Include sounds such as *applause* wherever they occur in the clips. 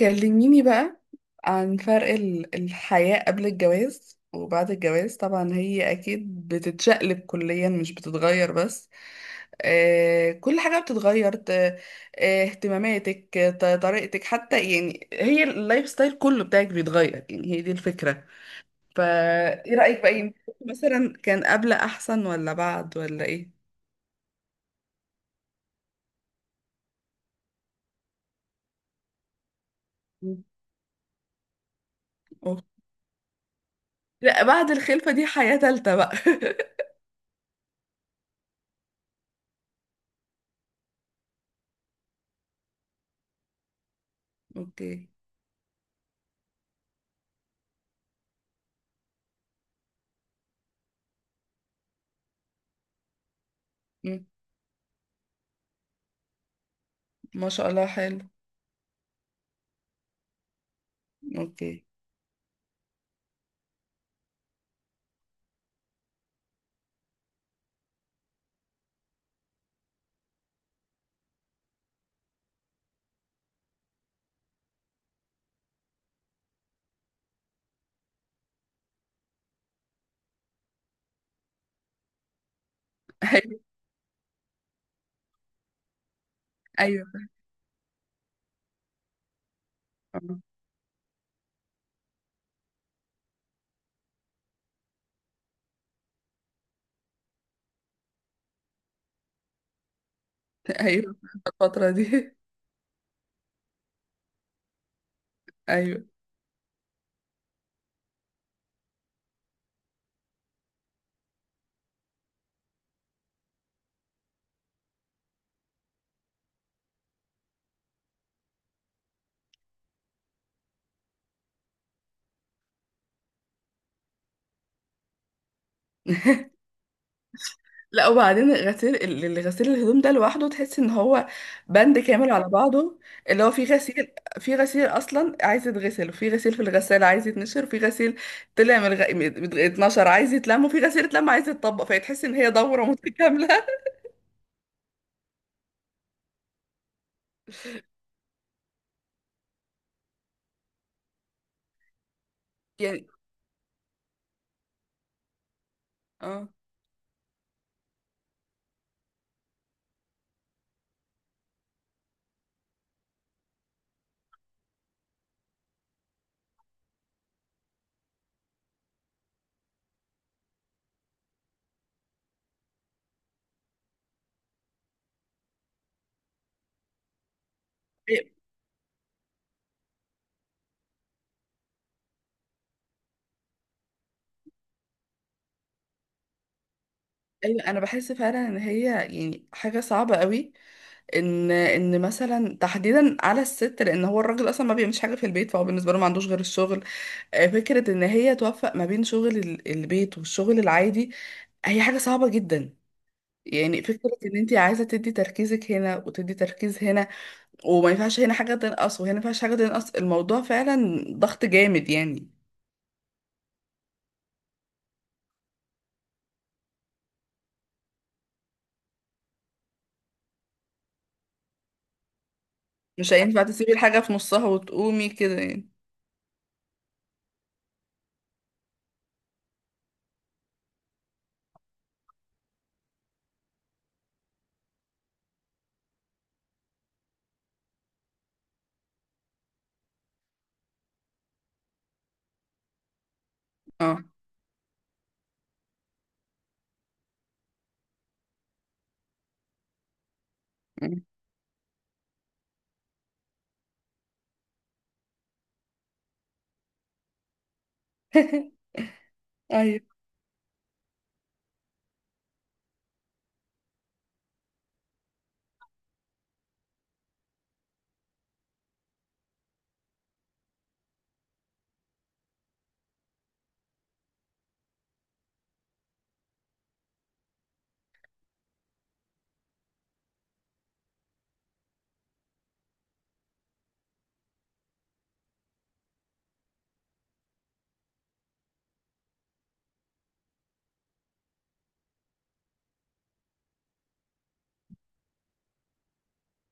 كلميني بقى عن فرق الحياة قبل الجواز وبعد الجواز. طبعا هي أكيد بتتشقلب كليا، مش بتتغير بس. كل حاجة بتتغير. اهتماماتك، طريقتك حتى. يعني هي اللايف ستايل كله بتاعك بيتغير، يعني هي دي الفكرة. فإيه رأيك بقى؟ يعني مثلا كان قبل أحسن ولا بعد ولا إيه؟ مم. أوه. لا، بعد الخلفة دي حياة تالتة بقى. *laughs* اوكي. مم. ما شاء الله، حلو. اوكي. ايوه. ايوه. آه. ايوه. الفترة دي. ايوه. *laughs* لا، وبعدين غسيل غسيل الهدوم ده لوحده، تحس ان هو بند كامل على بعضه. اللي هو في غسيل اصلا عايز يتغسل، وفي غسيل في الغسالة عايز يتنشر، وفي غسيل طلع من اتنشر عايز يتلم، وفي غسيل اتلم عايز يتطبق، فتحس ان هي دورة متكاملة. *laughs* يعني اه، ايوه. أيوة، انا بحس فعلا ان هي يعني حاجه صعبه قوي. ان مثلا تحديدا على الست، لان هو الراجل اصلا ما بيعملش حاجه في البيت، فهو بالنسبه له ما عندوش غير الشغل. فكره ان هي توفق ما بين شغل البيت والشغل العادي، هي حاجه صعبه جدا. يعني فكره ان انت عايزه تدي تركيزك هنا وتدي تركيز هنا، وما ينفعش هنا حاجه تنقص وهنا ما ينفعش حاجه تنقص، الموضوع فعلا ضغط جامد يعني. مش هينفع تسيبي الحاجه في نصها وتقومي كده يعني. اه. *laughs* أمم. ايوه،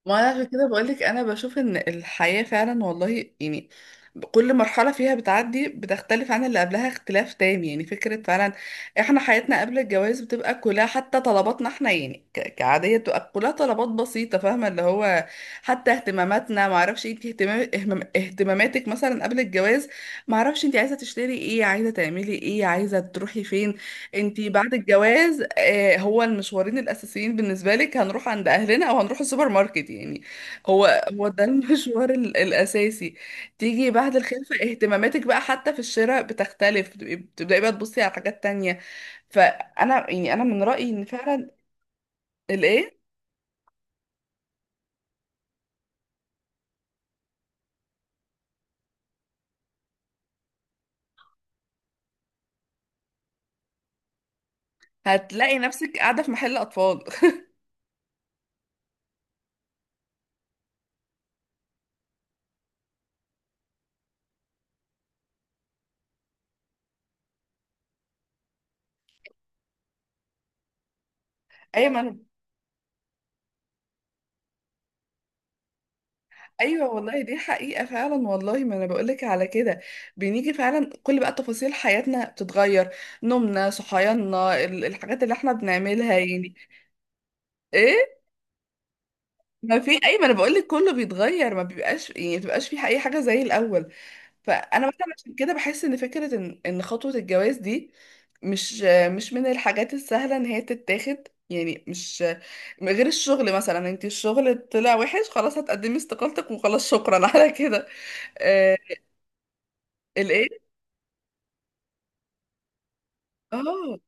ما انا عشان كده بقولك انا بشوف ان الحياة فعلا والله يعني كل مرحلة فيها بتعدي بتختلف عن اللي قبلها اختلاف تام. يعني فكرة، فعلا احنا حياتنا قبل الجواز بتبقى كلها، حتى طلباتنا احنا يعني كعادية بتبقى كلها طلبات بسيطة، فاهمة؟ اللي هو حتى اهتماماتنا، معرفش انت اهتماماتك مثلا قبل الجواز، معرفش انت عايزة تشتري ايه، عايزة تعملي ايه، عايزة تروحي فين. انتي بعد الجواز هو المشوارين الاساسيين بالنسبه لك، هنروح عند اهلنا او هنروح السوبر ماركت يعني. هو هو ده *laughs* المشوار الاساسي. تيجي بعد الخلفه اهتماماتك بقى حتى في الشراء بتختلف، بتبقي بتبداي بقى تبصي على حاجات تانية. فانا يعني انا من رايي ان فعلا. الايه؟ هتلاقي نفسك قاعده في محل اطفال. *laughs* ايمن. ايوه والله، دي حقيقه فعلا والله، ما انا بقولك على كده، بنيجي فعلا كل بقى تفاصيل حياتنا بتتغير، نومنا، صحياننا، الحاجات اللي احنا بنعملها يعني. ايه. ما في اي، ما انا بقولك كله بيتغير، ما بيبقاش يعني، ما بتبقاش في اي حاجه زي الاول. فانا مثلا عشان كده بحس ان فكره ان خطوه الجواز دي مش مش من الحاجات السهله ان هي تتاخد يعني. مش غير الشغل مثلا، انت الشغل طلع وحش، خلاص هتقدمي استقالتك وخلاص، شكرا *laughs* على كده. آه، الايه؟ اه.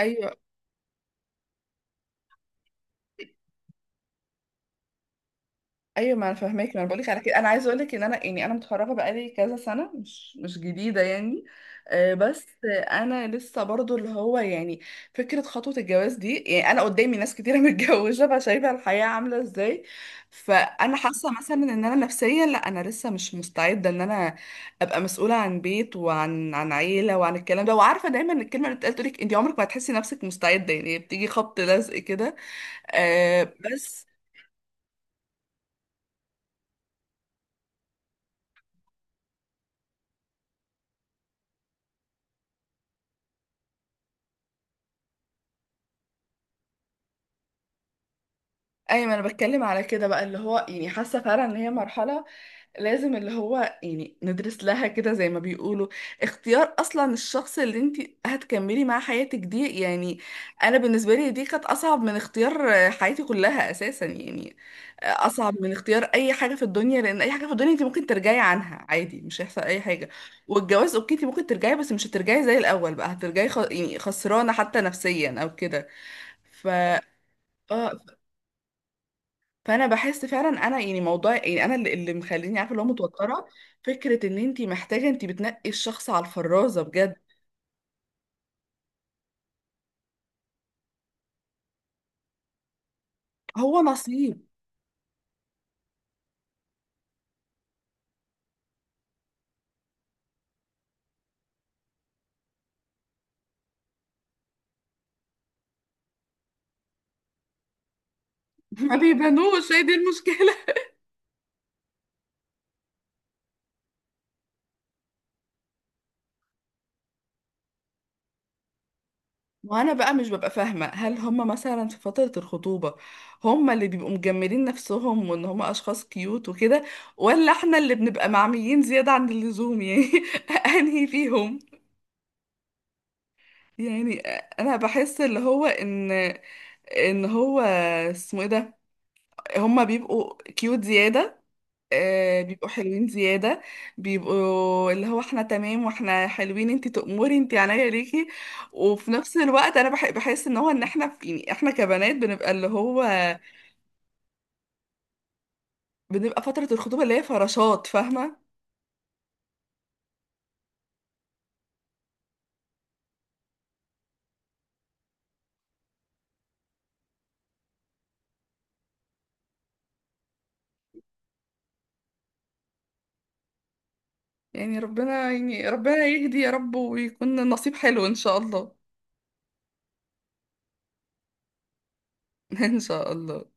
ايوه. ايوه، ما انا فاهماك، ما انا بقولك على كده. انا عايزه اقولك ان انا، يعني انا متخرجه بقالي كذا سنه، مش جديده يعني. بس انا لسه برضو اللي هو يعني، فكره خطوه الجواز دي، يعني انا قدامي ناس كتيره *laughs* متجوزه بقى، شايفه الحياه عامله ازاي. فانا حاسه مثلا ان انا نفسيا لا، انا لسه مش مستعده ان انا ابقى مسؤوله عن بيت وعن عن عيله وعن الكلام ده. وعارفه دايما إن الكلمه اللي بتقال تقولك انت عمرك ما هتحسي نفسك مستعده، يعني بتيجي خبط لزق كده. بس. ايوه، ما انا بتكلم على كده بقى، اللي هو يعني حاسه فعلا ان هي مرحله لازم اللي هو يعني ندرس لها كده، زي ما بيقولوا. اختيار اصلا الشخص اللي انت هتكملي معاه حياتك دي يعني. انا بالنسبه لي دي كانت اصعب من اختيار حياتي كلها اساسا يعني، اصعب من اختيار اي حاجه في الدنيا. لان اي حاجه في الدنيا انت ممكن ترجعي عنها عادي، مش هيحصل اي حاجه. والجواز اوكي، انت ممكن ترجعي، بس مش هترجعي زي الاول بقى، هترجعي يعني خسرانه حتى نفسيا او كده. ف اه فانا بحس فعلا انا يعني، موضوع يعني، انا اللي مخليني عارفه اللي هو متوتره، فكره ان انت محتاجه، انت بتنقي الشخص على الفرازه بجد. هو نصيب. *laughs* ما بيبانوش، هي دي المشكله. *laughs* وانا بقى مش ببقى فاهمه، هل هم مثلا في فتره الخطوبه هم اللي بيبقوا مجملين نفسهم وان هم اشخاص كيوت وكده، ولا احنا اللي بنبقى معميين زياده عن اللزوم يعني؟ *laughs* انهي فيهم؟ يعني انا بحس اللي هو ان ان هو اسمه ايه ده، هما بيبقوا كيوت زياده، بيبقوا حلوين زيادة، بيبقوا اللي هو احنا تمام واحنا حلوين، انتي تأمري، انتي عينيا ليكي. وفي نفس الوقت انا بحس ان هو، ان احنا في، يعني احنا كبنات بنبقى فترة الخطوبة اللي هي فراشات، فاهمة؟ ربنا يهدي يا رب، ويكون النصيب حلو ان شاء الله. *laughs* ان شاء الله.